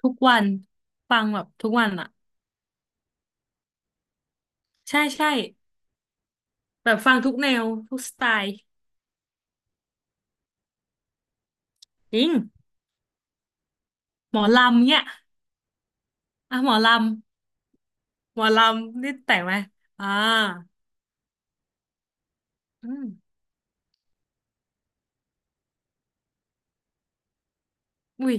ทุกวันฟังแบบทุกวันอ่ะใช่ใช่แบบฟังทุกแนวทุกสไตล์จริงหมอลำเนี่ยอ่ะหมอลำหมอลำนี่แต่งไหมอ่าอืมอุ้ย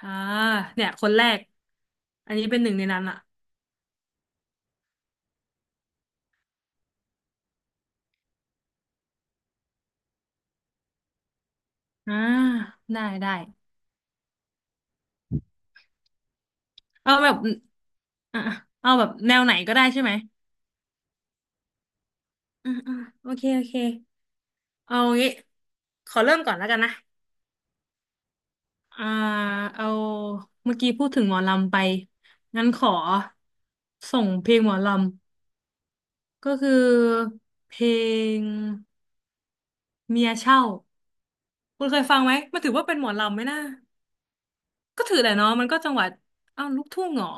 อ่าเนี่ยคนแรกอันนี้เป็นหนึ่งในนั้นอ่ะอ่าได้ได้เอาแบบอ่ะเอาแบบแนวไหนก็ได้ใช่ไหมอืมอืมโอเคโอเคเอางี้ขอเริ่มก่อนแล้วกันนะ อ่าเอาเมื่อกี้พูดถึงหมอลำไปงั้นขอส่งเพลงหมอลำก็คือเพลงเมียเช่าคุณเคยฟังไหมมันถือว่าเป็นหมอลำไหมนะก็ถือแหละเนาะมันก็จังหวัดอ้าวลูกทุ่งเหรอ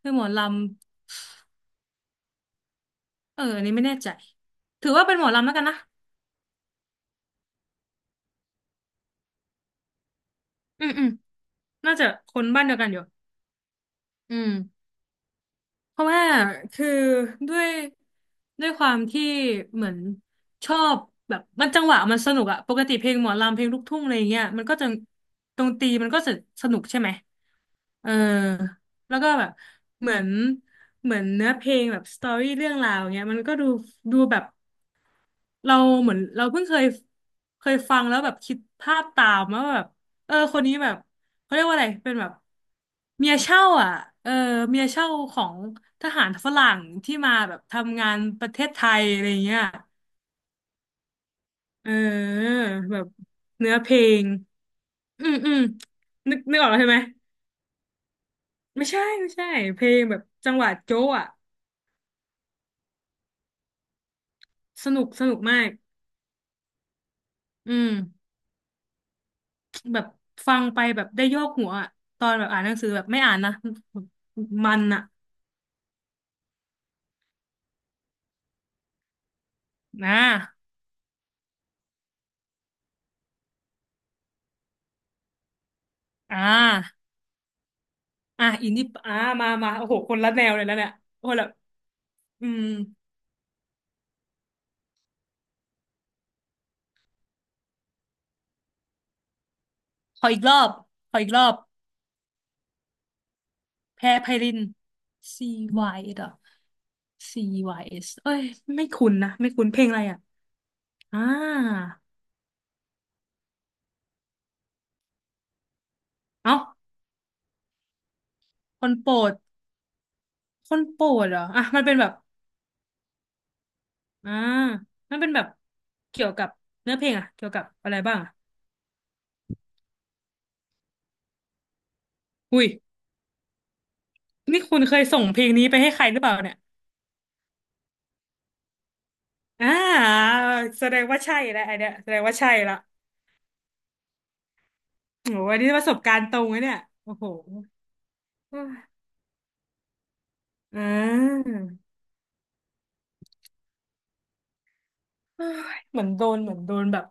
คือหมอลำเอออันนี้ไม่แน่ใจถือว่าเป็นหมอลำแล้วกันนะอืมอืมน่าจะคนบ้านเดียวกันอยู่อืม เพราะว่าคือด้วยด้วยความที่เหมือนชอบแบบมันจังหวะมันสนุกอะปกติเพลงหมอลำเพลงลูกทุ่งอะไรอย่างเงี้ยมันก็จะดนตรีมันก็จะสนุกใช่ไหมเออแล้วก็แบบเหมือนเหมือนเนื้อเพลงแบบสตอรี่เรื่องราวเงี้ยมันก็ดูดูแบบเราเหมือนเราเพิ่งเคยเคยฟังแล้วแบบคิดภาพตามว่าแบบเออคนนี้แบบเขาเรียกว่าอะไรเป็นแบบ เมียเช่าอ่ะเออเมียเช่าของทหารฝรั่งที่มาแบบทำงานประเทศไทยอะไรเงี้ยเออแบบเนื้อเพลงอืมอืมนึกนึกออกแล้วใช่ไหม ไม่ใช่ไม่ใช่เพลงแบบจังหวะโจ๊ะอ่ะสนุกสนุกมากอืมแบบฟังไปแบบได้โยกหัวอะตอนแบบอ่านหนังสือแบบไม่อ่านนะ มันอ่ะนะอ่าอ่ะอินนี่อ่ามามาโอ้โหคนละแนวเลยแล้วเนี่ยโอ้โหแบบอืม ขออีกรอบขออีกรอบแพรไพริน C Y S อ C Y S เอสเอ้ย ไม่คุ้นนะไม่คุ้นเพลงอะไรอ่ะอ่าเอ้าคนโปรดคนโปรดเหรออ่ะมันเป็นแบบอ่ามันเป็นแบบเกี่ยวกับเนื้อเพลงอ่ะเกี่ยวกับอะไรบ้างอ่ะอุ้ยนี่คุณเคยส่งเพลงนี้ไปให้ใครหรือเปล่าเนี่ยอ่าแสดงว่าใช่แล้วไอเนี้ยแสดงว่าใช่ละโอ้โหอันนี้ประสบการณ์ตรงเลยเนี่ยโอ้โหอ่า เอ้ยเหมือนโดนเหมือนโดนแบบ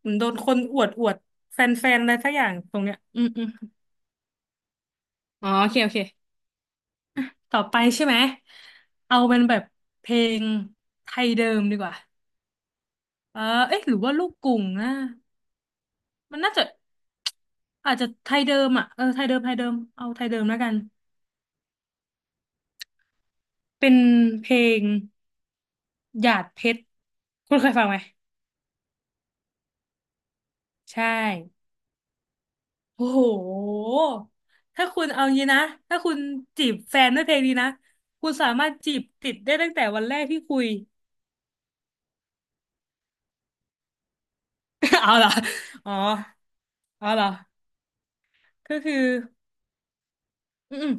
เหมือนโดนคนอวดอวดแฟนๆอะไรสักอย่างตรงเนี้ยอืมอืมอ๋อโอเคโอเคต่อไปใช่ไหมเอาเป็นแบบเพลงไทยเดิมดีกว่าเออเอ๊ะหรือว่าลูกกรุ่งนะมันน่าจะอาจจะไทยเดิมอ่ะเออไทยเดิมไทยเดิมเอาไทยเดิมแล้วกันเป็นเพลงหยาดเพชรคุณเคยฟังไหมใช่ โอ้โหถ้าคุณเอางี้นะถ้าคุณจีบแฟนด้วยเพลงนี้นะ คุณสามารถจีบติดได้ตั้งแต่วันแรกที่คุย เอาเหรอ อ๋อเอาเหรอก็คืออืม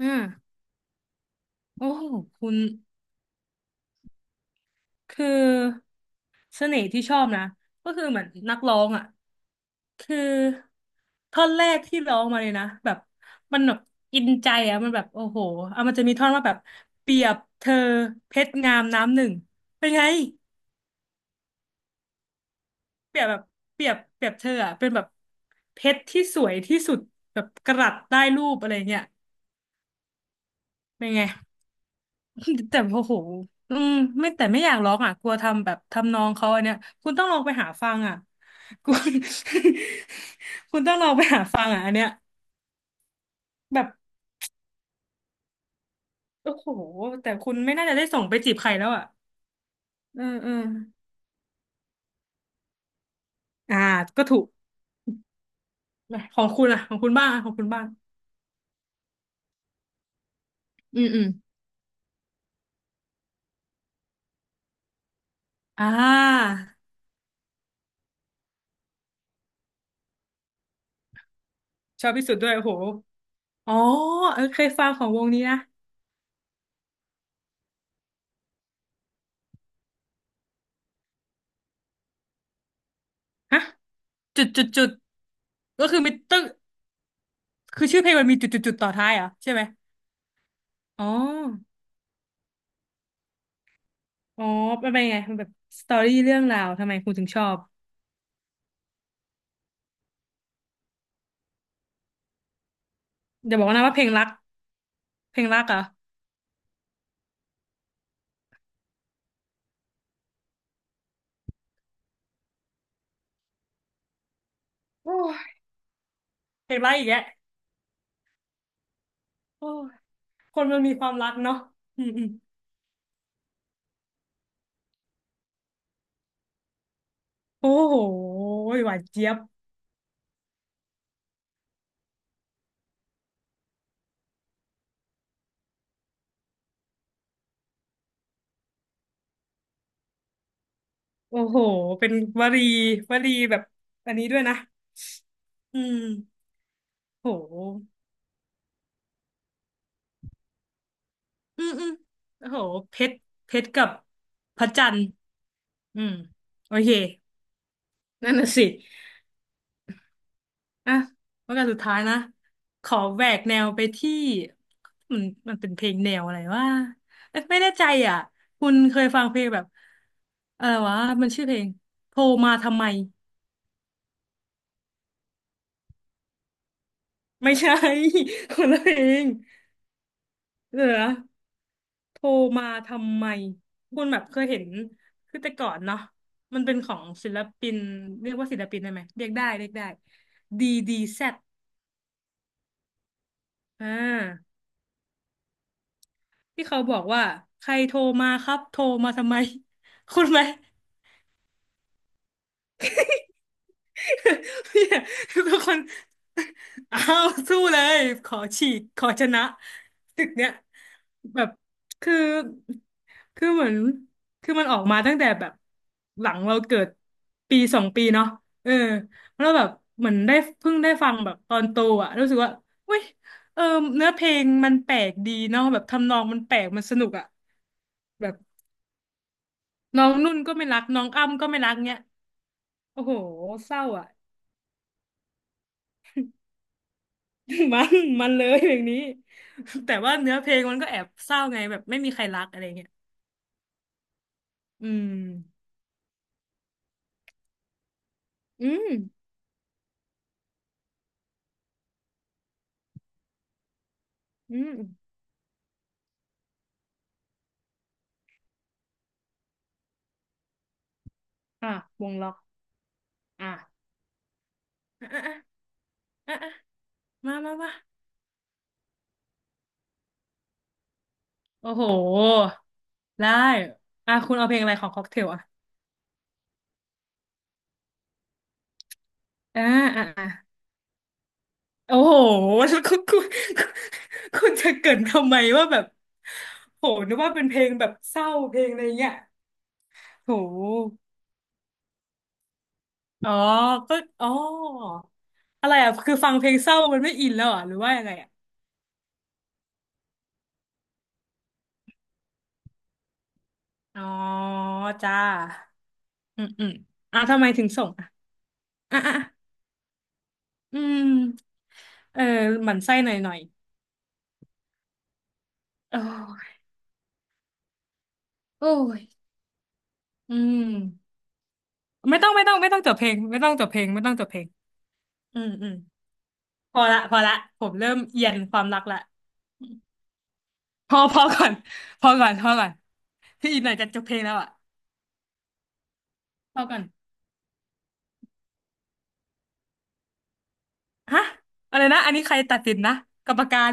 อืมโอ้โหคุณคือเสน่ห์ที่ชอบนะ ก็คือเหมือนนักร้องอ่ะคือท่อนแรกที่ร้องมาเลยนะแบบมันแบบอินใจอ่ะมันแบบโอ้โหเอามันจะมีท่อนว่าแบบเปรียบเธอเพชรงามน้ำหนึ่ง เป็นไง เปรียบแบบเปรียบเปรียบเธออะเป็นแบบเพชรที่สวยที่สุดแบบกะรัตได้รูปอะไรเงี้ยเป็นไง แต่โอ้โหอืมไม่แต่ไม่อยากร้องอ่ะกลัวทำแบบทำนองเขาอันเนี้ยคุณต้องลองไปหาฟังอ่ะ คุณ คุณต้องลองไปหาฟังอ่ะอันเนี้ยแบบโอ้โหแต่คุณไม่น่าจะได้ส่งไปจีบใครแล้วอ่ะเออเอออ่าก็ถูกของคุณอ่ะของคุณบ้างอะของคุณบ้างอืมอืมอ่าชอบที่สุดด้วยโอ้โห อ๋อเออเคยฟังของวงนี้นะฮะจุดจุดจุดก็คือมีต้องคือชื่อเพลงมันมีจุดจุดจุดต่อท้ายเหรอใช่ไหมอ๋ออ๋อมันเป็นยังไงมันแบบสตอรี่เรื่องราวทำไมคุณถึงชอบอย่าบอกนะว่าเพลงรักเพลงรักเหรอโอ้ยเพลงรักอีกแล้วโอ้ยคนมันมีความรักเนาะอืมอืมโอ้โหหวานเจี๊ยบโอ้โหเป็นวลีวลีแบบอันนี้ด้วยนะอืมโห อืมอืมโอ้โหเพชรเพชรกับพระจันทร์อืมโอเค นั่นน่ะสิอ่ะแล้วกันสุดท้ายนะ ขอแหวกแนวไปที่มันมันเป็นเพลงแนวอะไรว่าไม่แน่ใจอ่ะคุณเคยฟังเพลงแบบอะไรวะ มันชื่อเพลงโทรมาทำไม ไม่ใช่ คนละเพลง เดี๋ยวนะโทรมาทำไมคุณแบบเคยเห็นคือแต่ก่อนเนาะมันเป็นของศิลปินเรียกว่าศิลปินได้ไหมเรียกได้เรียกได้ DDZ อ่าที่เขาบอกว่าใครโทรมาครับโทรมาทำไม คุณไหม พี่เป็นคนเอ้าวสู้เลยขอฉีกขอชนะศึกเนี้ยแบบคือคือเหมือนคือมันออกมาตั้งแต่แบบหลังเราเกิดปีสองปีเนาะเออแล้วแบบเหมือนได้เพิ่งได้ฟังแบบตอนโตอ่ะรู้สึกว่าเว้ยเออเนื้อเพลงมันแปลกดีเนาะแบบทำนองมันแปลกมันสนุกอ่ะแบบน้องนุ่นก็ไม่รักน้องอ้ำก็ไม่รักเนี้ยโอ้โหเศร้าอ่ะ มันมันเลยอย่างนี้ แต่ว่าเนื้อเพลงมันก็แอบเศร้าไงแบบไม่มีใครรักอะไรเงี้ยอืมอืมอืมอ่ะวงล็อกอ่ะอ่ะอ่ะอ่ะมามามาโอ้โหได้อ่ะคุณเอาเพลงอะไรของค็อกเทลอ่ะอ่าอ่ะอ่ะโอ้โห คุณคุณ คุณจะเกรินทำไมว่าแบบโหนึกว่าเป็นเพลงแบบเศร้าเพลงอะไรเงี้ยโห อ๋อก็อ๋ออะไรอ่ะคือฟังเพลงเศร้ามันไม่อินแล้วเหรอ่ะหรือว่ายังไงอ่ะอ๋อจ้าอืมอืมอ่ะทำไมถึงส่งอ่ะอ่ะอ่ะอืมเออหมั่นไส้หน่อยหน่อยโอ้ยโอ้ยอืมไม่ต้องไม่ต้องไม่ต้องจบเพลงไม่ต้องจบเพลงไม่ต้องจบเพลงอืมอืมพอละพอละผมเริ่มเอียนความรักละพอพอก่อนพอก่อนพอก่อนพี่อีกหน่อยจะจบเพลงแล้วอ่ะพอก่อนฮะอะไรนะอันนี้ใครตัดสินนะกรรมการ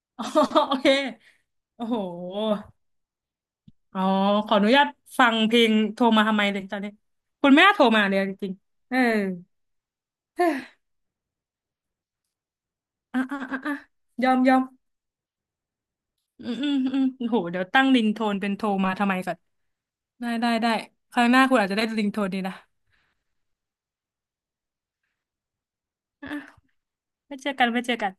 อ๋อโอเคโอ้โหอ๋อขออนุญาตฟังเพลงโทรมาทำไมเลยตอนนี้คุณแม่โทรมาเลยจริงๆเออเฮ้ยอ่ะอ่ะอ่ะอ่ะยอมยอมอืมอืมอืมโอ้โหเดี๋ยวตั้งริงโทนเป็นโทรมาทำไมก่อนได้ได้ได้ครัหน้าคุณอาจจะได้ริงโทนนีนะอ่ะไม่เจอกันไม่เจอกัน